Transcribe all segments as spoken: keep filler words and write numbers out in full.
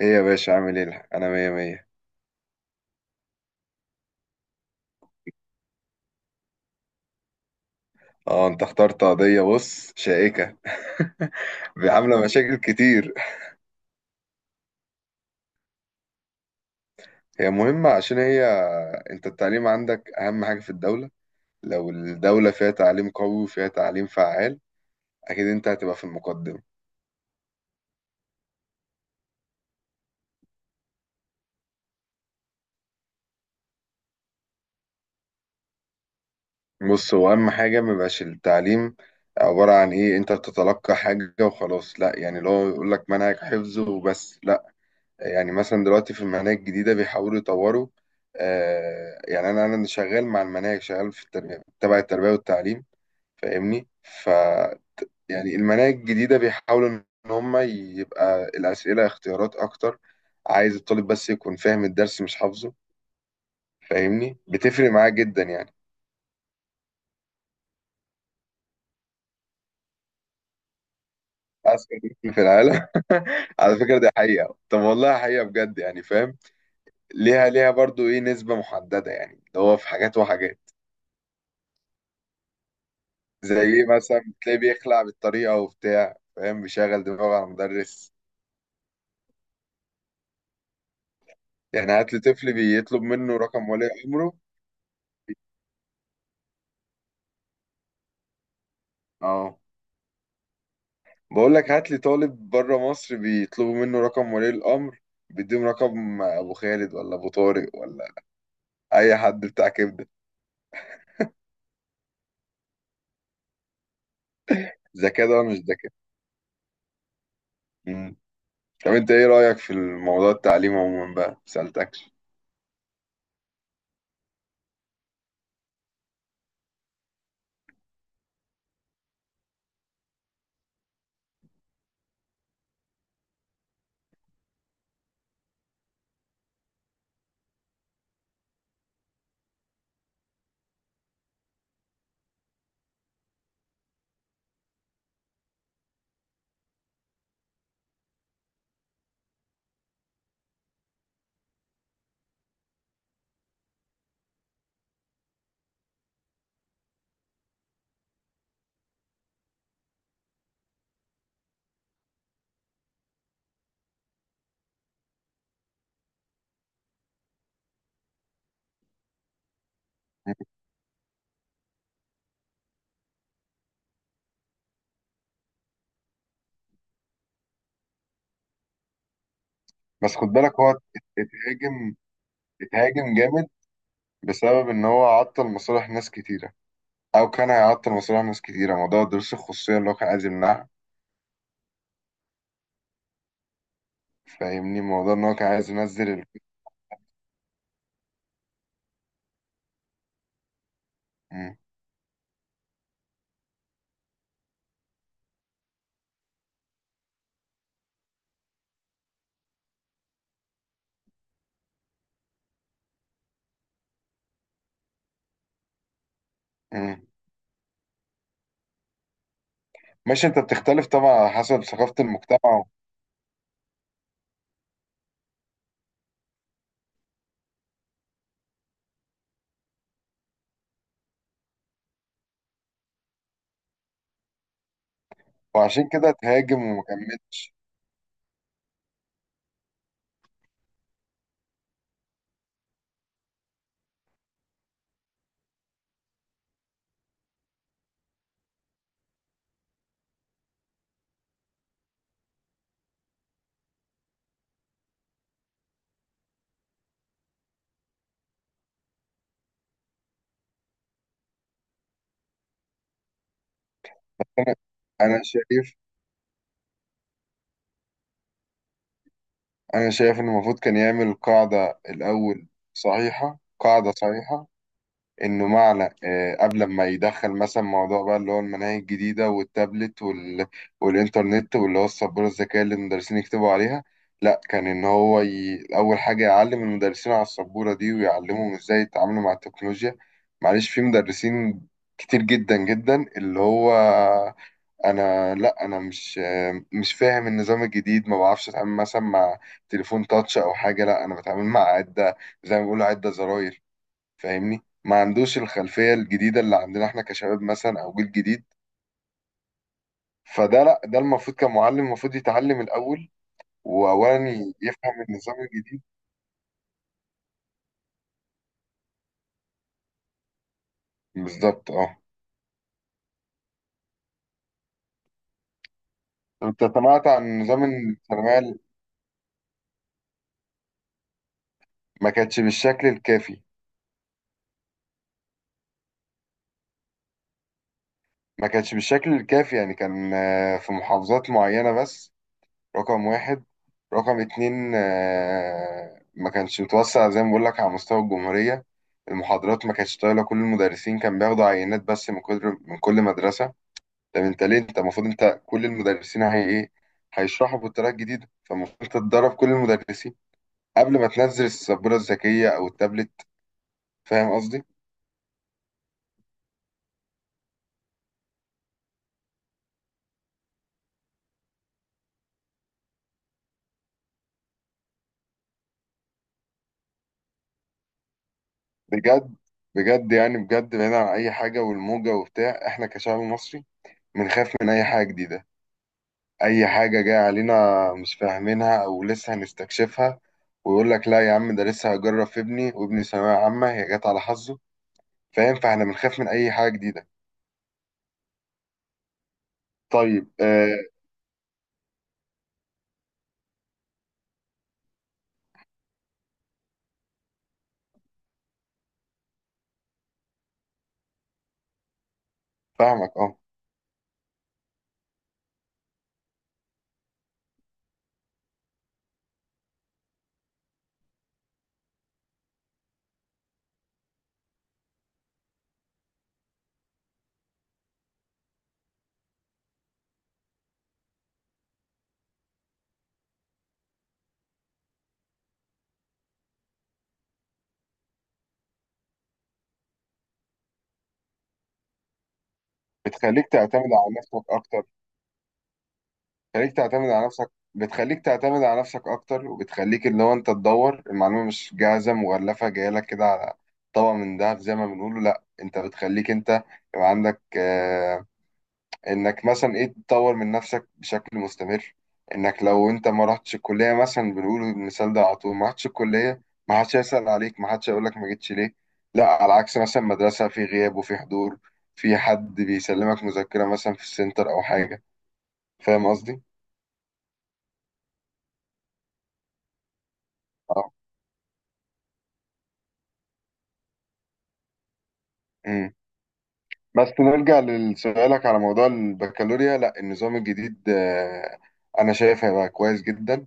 ايه يا باشا عامل ايه؟ انا مية مية. اه انت اخترت قضية، بص، شائكة. عاملة مشاكل كتير. هي مهمة عشان هي، انت التعليم عندك اهم حاجة في الدولة. لو الدولة فيها تعليم قوي وفيها تعليم فعال، اكيد انت هتبقى في المقدم. بص، هو اهم حاجة ميبقاش التعليم عبارة عن ايه، انت بتتلقى حاجة وخلاص، لا يعني اللي هو يقولك منهج حفظ وبس، لا. يعني مثلا دلوقتي في المناهج الجديدة بيحاولوا يطوروا. آه، يعني أنا أنا شغال مع المناهج، شغال في التربية، تبع التربية والتعليم، فاهمني؟ ف يعني المناهج الجديدة بيحاولوا إن هم يبقى الأسئلة اختيارات أكتر. عايز الطالب بس يكون فاهم الدرس، مش حافظه، فاهمني؟ بتفرق معاه جدا يعني. أذكى طفل في العالم؟ على فكرة دي حقيقة، طب والله حقيقة بجد، يعني فاهم، ليها ليها برضو إيه نسبة محددة، يعني اللي هو في حاجات وحاجات. زي ايه مثلا؟ بتلاقيه بيخلع بالطريقة وبتاع، فاهم؟ بيشغل دماغه على المدرس. يعني هات لي طفل بيطلب منه رقم ولي أمره. اه، بقول لك هات لي طالب بره مصر بيطلبوا منه رقم ولي الأمر، بيديهم رقم أبو خالد ولا أبو طارق ولا أي حد بتاع كبدة. ذكاء ده ولا مش ذكاء؟ مم. طب أنت إيه رأيك في الموضوع، التعليم عموما بقى؟ ما سألتكش. بس خد بالك، هو اتهاجم، اتهاجم جامد بسبب إن هو عطل مصالح ناس كتيرة، او كان هيعطل مشروع ناس كتيره. موضوع دروس الخصوصيه اللي هو كان عايز يمنعها، فاهمني؟ موضوع ان هو كان عايز ينزل ال... مم. مم. ماشي، انت بتختلف طبعا على حسب ثقافه المجتمع. وعشان كده تهاجم وما كملش. انا شايف، انا شايف ان المفروض كان يعمل قاعده الاول، صحيحه، قاعده صحيحه، انه معنى آه، قبل ما يدخل مثلا موضوع بقى اللي هو المناهج الجديده والتابلت وال... والانترنت واللي هو السبوره الذكيه اللي المدرسين يكتبوا عليها. لا، كان ان هو ي... اول حاجه يعلم المدرسين على السبوره دي ويعلمهم ازاي يتعاملوا مع التكنولوجيا. معلش، في مدرسين كتير جدا جدا اللي هو، انا لا، انا مش آه، مش فاهم النظام الجديد، ما بعرفش اتعامل مثلا مع تليفون تاتش او حاجه، لا انا بتعامل مع عده، زي ما بيقولوا عده زراير، فاهمني؟ ما عندوش الخلفية الجديدة اللي عندنا احنا كشباب مثلا او جيل جديد. فده لا، ده المفروض كمعلم المفروض يتعلم الاول، واولا ي- يفهم النظام الجديد. بالظبط، اه. انت سمعت عن نظام الثانوية ال-؟ ما كانش بالشكل الكافي، ما كانش بالشكل الكافي، يعني كان آه، في محافظات معينة بس. رقم واحد. رقم اتنين، آه، ما كانش متوسع زي ما بقول لك على مستوى الجمهورية. المحاضرات ما كانتش طايلة، كل المدرسين كان بياخدوا عينات بس من كل من كل مدرسة. طب انت ليه؟ انت المفروض انت كل المدرسين هي ايه، هيشرحوا بالطريقه الجديده، فالمفروض انت تدرب كل المدرسين قبل ما تنزل السبوره الذكيه او التابلت. فاهم قصدي؟ بجد، بجد يعني، بجد بعيد عن اي حاجه والموجه وبتاع، احنا كشعب مصري بنخاف من اي حاجه جديده، اي حاجه جايه علينا مش فاهمينها او لسه هنستكشفها، ويقول لك لا يا عم ده لسه هجرب في ابني، وابني ثانويه عامه، هي جت على حظه. فاهم؟ فاحنا بنخاف من اي حاجه جديده. طيب آه. فاهمك، اه. بتخليك تعتمد على نفسك اكتر، بتخليك تعتمد على نفسك، بتخليك تعتمد على نفسك اكتر، وبتخليك اللي هو انت تدور المعلومه، مش جاهزه مغلفه جايه لك كده على طبق من دهب زي ما بنقوله، لا انت بتخليك انت، يبقى عندك آه انك مثلا ايه تطور من نفسك بشكل مستمر، انك لو انت ما رحتش الكليه مثلا، بنقول المثال ده على طول، ما رحتش الكليه ما حدش هيسال عليك، ما حدش هيقول لك ما جيتش ليه. لا على عكس مثلا مدرسه، في غياب وفي حضور، في حد بيسلمك مذكره مثلا في السنتر او حاجه. فاهم قصدي؟ اه. امم. بس نرجع لسؤالك على موضوع البكالوريا، لا النظام الجديد آه، انا شايف هيبقى كويس جدا،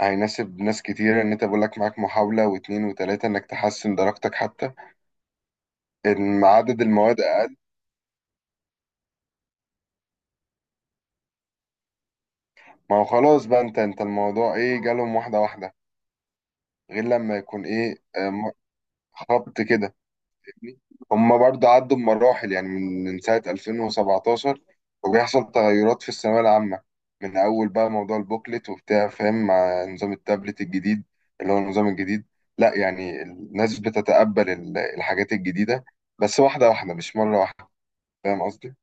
هيناسب ناس كتير، ان انت بقول لك معاك محاولة واتنين وتلاتة انك تحسن درجتك، حتى ان عدد المواد اقل. ما هو خلاص بقى، انت انت الموضوع ايه؟ جالهم واحدة واحدة، غير لما يكون ايه آه، م- خبط كده. هم برضه عدوا بمراحل يعني، من من سنة ألفين وسبعتاشر وبيحصل تغيرات في الثانوية العامة، من أول بقى موضوع البوكلت وبتاع، فاهم؟ مع نظام التابلت الجديد اللي هو النظام الجديد، لا يعني الناس بتتقبل ال- الحاجات الجديدة، بس واحدة واحدة مش مرة واحدة. فاهم قصدي؟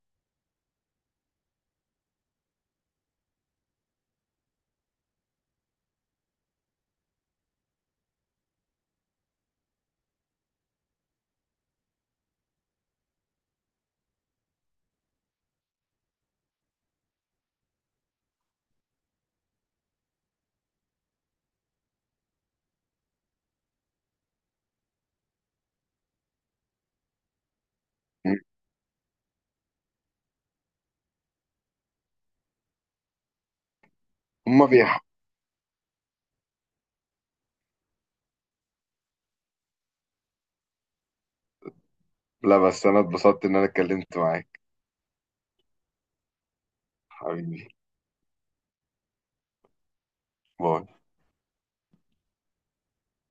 هم بيح- لا بس أنا اتبسطت إن أنا اتكلمت معاك. حبيبي. باي.